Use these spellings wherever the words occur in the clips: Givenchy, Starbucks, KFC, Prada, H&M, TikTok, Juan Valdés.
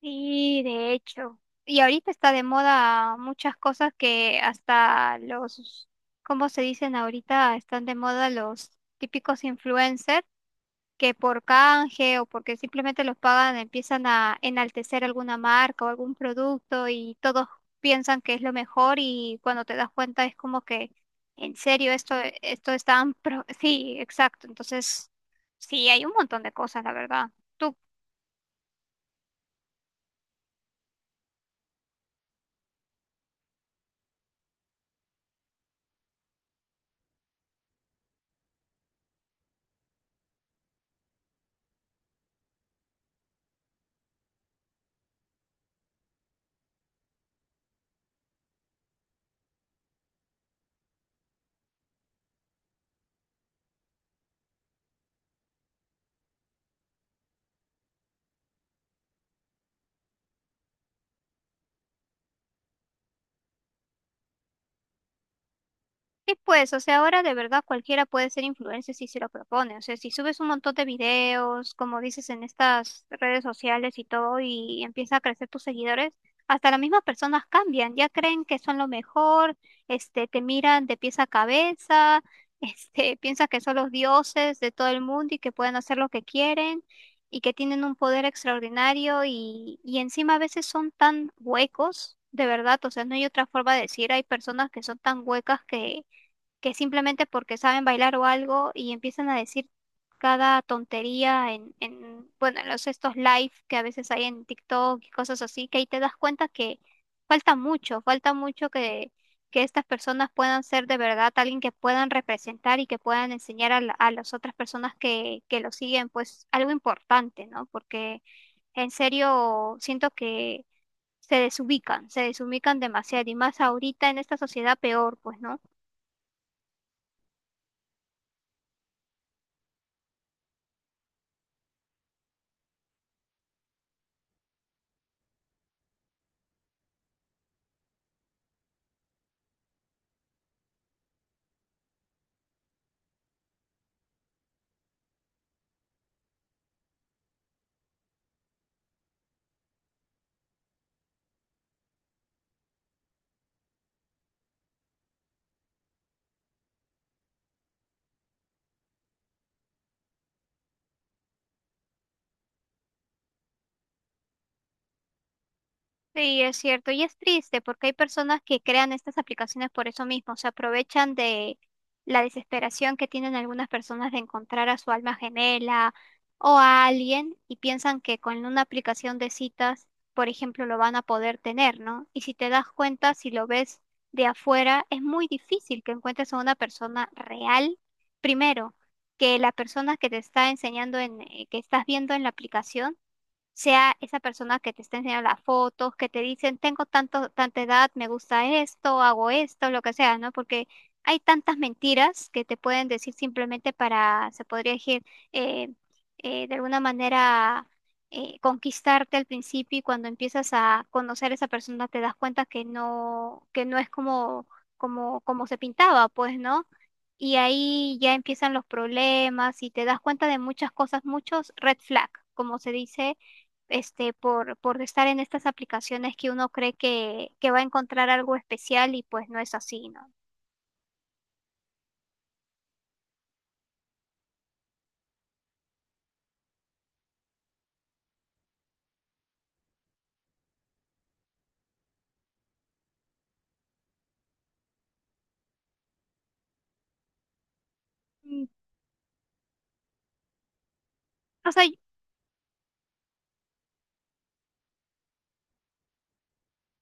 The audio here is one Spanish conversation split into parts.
Sí, de hecho. Y ahorita está de moda muchas cosas que hasta los, ¿cómo se dicen ahorita? Están de moda los típicos influencers que por canje o porque simplemente los pagan empiezan a enaltecer alguna marca o algún producto y todos piensan que es lo mejor y cuando te das cuenta es como que, en serio, esto está... Sí, exacto. Entonces, sí, hay un montón de cosas, la verdad. Sí, pues, o sea, ahora de verdad cualquiera puede ser influencer si se lo propone. O sea, si subes un montón de videos, como dices, en estas redes sociales y todo, y empieza a crecer tus seguidores, hasta las mismas personas cambian, ya creen que son lo mejor, te miran de pies a cabeza, piensas que son los dioses de todo el mundo y que pueden hacer lo que quieren y que tienen un poder extraordinario y encima a veces son tan huecos, de verdad, o sea, no hay otra forma de decir, hay personas que son tan huecas que simplemente porque saben bailar o algo y empiezan a decir cada tontería en en los estos live que a veces hay en TikTok y cosas así, que ahí te das cuenta que falta mucho que estas personas puedan ser de verdad alguien que puedan representar y que puedan enseñar a, a las otras personas que lo siguen, pues algo importante, ¿no? Porque en serio siento que se desubican demasiado y más ahorita en esta sociedad peor, pues, ¿no? Sí, es cierto, y es triste porque hay personas que crean estas aplicaciones por eso mismo, se aprovechan de la desesperación que tienen algunas personas de encontrar a su alma gemela o a alguien y piensan que con una aplicación de citas, por ejemplo, lo van a poder tener, ¿no? Y si te das cuenta, si lo ves de afuera, es muy difícil que encuentres a una persona real, primero, que la persona que te está enseñando que estás viendo en la aplicación sea esa persona que te está enseñando las fotos, que te dicen, tengo tanto, tanta edad, me gusta esto, hago esto, lo que sea, ¿no? Porque hay tantas mentiras que te pueden decir simplemente para, se podría decir, eh, de alguna manera conquistarte al principio y cuando empiezas a conocer a esa persona te das cuenta que no es como, como se pintaba, pues, ¿no? Y ahí ya empiezan los problemas y te das cuenta de muchas cosas, muchos red flag, como se dice, por estar en estas aplicaciones que uno cree que va a encontrar algo especial y pues no es así, ¿no? Mm. O sea,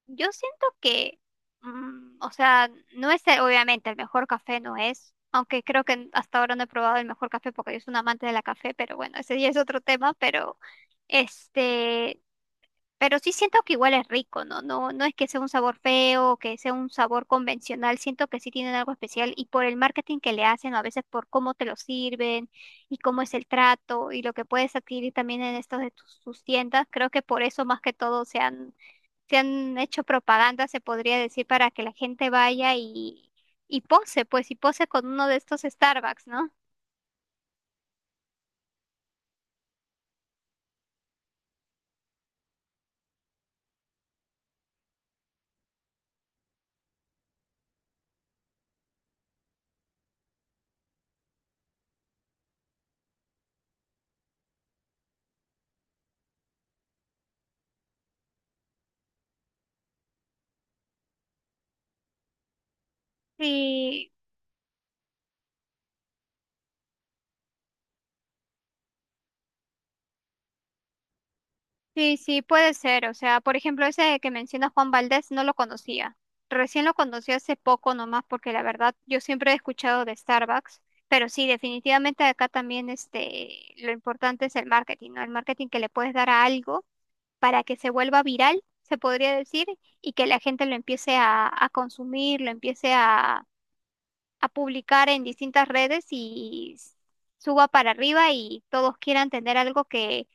yo siento que, mm, o sea, no es el- obviamente el mejor café, no es, aunque creo que hasta ahora no he probado el mejor café porque yo soy un amante de la café, pero bueno, ese ya es otro tema, pero este... Pero sí siento que igual es rico, ¿no? No, no es que sea un sabor feo, que sea un sabor convencional, siento que sí tienen algo especial y por el marketing que le hacen, o a veces por cómo te lo sirven y cómo es el trato y lo que puedes adquirir también en estos de sus tiendas, creo que por eso más que todo se han hecho propaganda, se podría decir, para que la gente vaya y pose, pues, y pose con uno de estos Starbucks, ¿no? Sí. Sí, sí, puede ser. O sea, por ejemplo, ese que menciona Juan Valdés no lo conocía. Recién lo conocí hace poco nomás porque la verdad yo siempre he escuchado de Starbucks, pero sí, definitivamente acá también lo importante es el marketing, ¿no? El marketing que le puedes dar a algo para que se vuelva viral, se podría decir, y que la gente lo empiece a consumir, lo empiece a publicar en distintas redes y suba para arriba y todos quieran tener algo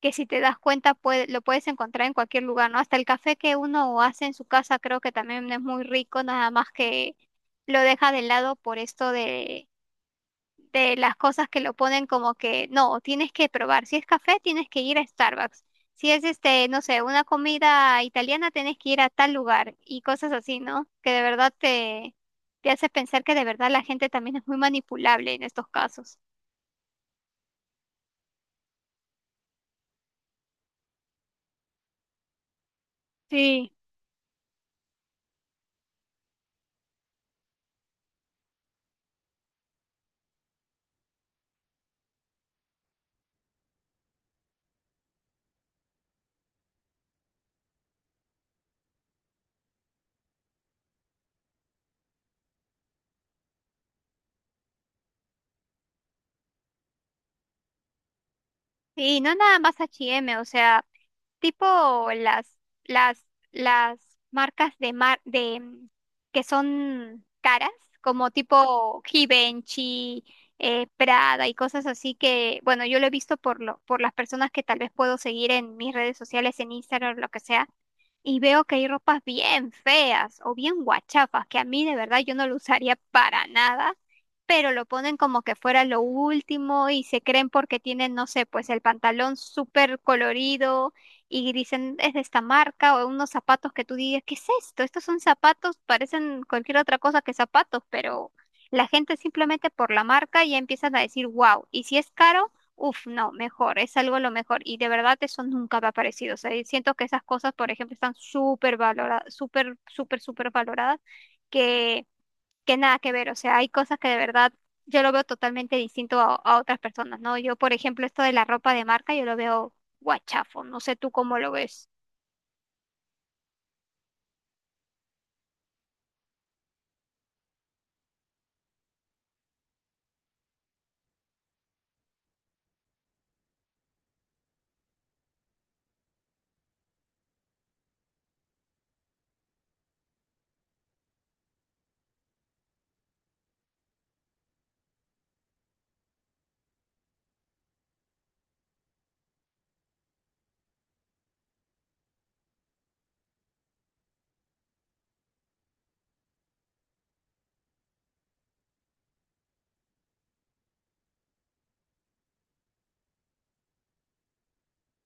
que si te das cuenta puede, lo puedes encontrar en cualquier lugar, ¿no? Hasta el café que uno hace en su casa creo que también es muy rico, nada más que lo deja de lado por esto de las cosas que lo ponen como que no, tienes que probar. Si es café, tienes que ir a Starbucks. Si es no sé, una comida italiana, tienes que ir a tal lugar y cosas así, ¿no? Que de verdad te, te hace pensar que de verdad la gente también es muy manipulable en estos casos. Sí. Sí, no nada más H&M, o sea, tipo las las marcas de que son caras, como tipo Givenchy, Prada y cosas así que, bueno, yo lo he visto por lo por las personas que tal vez puedo seguir en mis redes sociales, en Instagram, lo que sea, y veo que hay ropas bien feas o bien guachafas que a mí de verdad yo no lo usaría para nada pero lo ponen como que fuera lo último y se creen porque tienen, no sé, pues el pantalón súper colorido y dicen es de esta marca o unos zapatos que tú digas, ¿qué es esto? Estos son zapatos, parecen cualquier otra cosa que zapatos, pero la gente simplemente por la marca ya empiezan a decir, wow, y si es caro, uff, no, mejor, es algo lo mejor. Y de verdad eso nunca me ha parecido. O sea, y siento que esas cosas, por ejemplo, están súper valoradas, súper, súper, súper valoradas. que que nada que ver, o sea, hay cosas que de verdad yo lo veo totalmente distinto a otras personas, ¿no? Yo, por ejemplo, esto de la ropa de marca, yo lo veo guachafo, no sé tú cómo lo ves.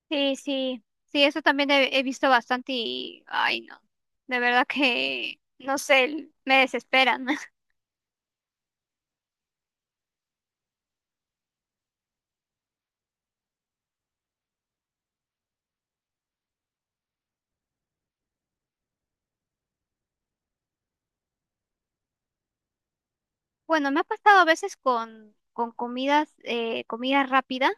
Sí, sí, sí, eso también he visto bastante y, ay, no, de verdad que, no sé, me desesperan. Bueno, me ha pasado a veces con comidas, comida rápida.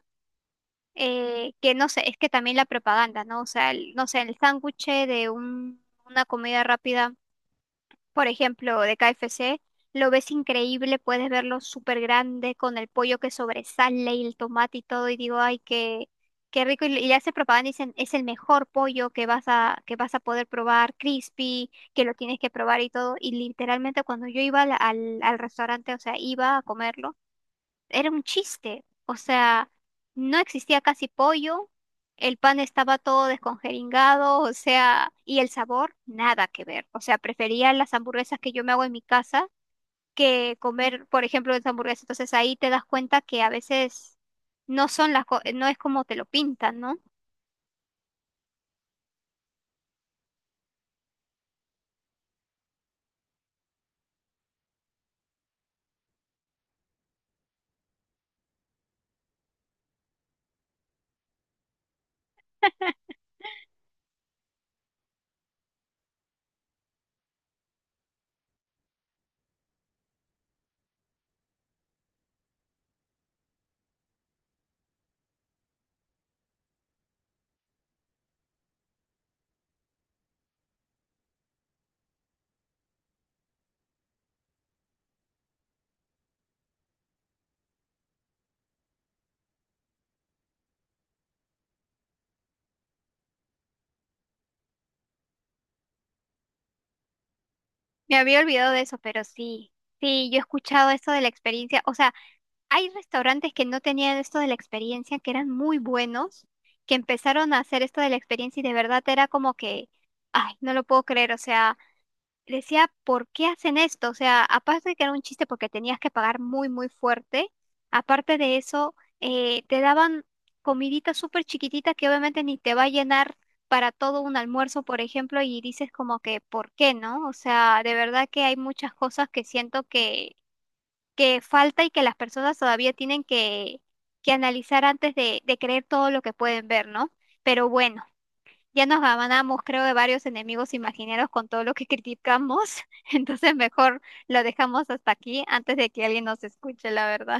Que no sé, es que también la propaganda, ¿no? O sea, no sé, el sándwich de una comida rápida por ejemplo, de KFC, lo ves increíble, puedes verlo súper grande con el pollo que sobresale y el tomate y todo, y digo, ay, qué, qué rico, y le hace propaganda y dicen, es el mejor pollo que vas a poder probar, crispy, que lo tienes que probar y todo, y literalmente cuando yo iba al restaurante, o sea, iba a comerlo, era un chiste. O sea, no existía casi pollo, el pan estaba todo descongeringado, o sea, y el sabor nada que ver. O sea, prefería las hamburguesas que yo me hago en mi casa que comer, por ejemplo, esa hamburguesa. Entonces ahí te das cuenta que a veces no es como te lo pintan, ¿no? Me había olvidado de eso, pero sí, sí, yo he escuchado eso de la experiencia. O sea, hay restaurantes que no tenían esto de la experiencia, que eran muy buenos, que empezaron a hacer esto de la experiencia y de verdad era como que, ay, no lo puedo creer, o sea, decía, ¿por qué hacen esto? O sea, aparte de que era un chiste porque tenías que pagar muy, muy fuerte, aparte de eso, te daban comidita súper chiquitita que obviamente ni te va a llenar para todo un almuerzo, por ejemplo, y dices como que, ¿por qué no? O sea, de verdad que hay muchas cosas que siento que falta y que las personas todavía tienen que analizar antes de creer todo lo que pueden ver, ¿no? Pero bueno, ya nos ganamos, creo, de varios enemigos imaginarios con todo lo que criticamos, entonces mejor lo dejamos hasta aquí antes de que alguien nos escuche, la verdad.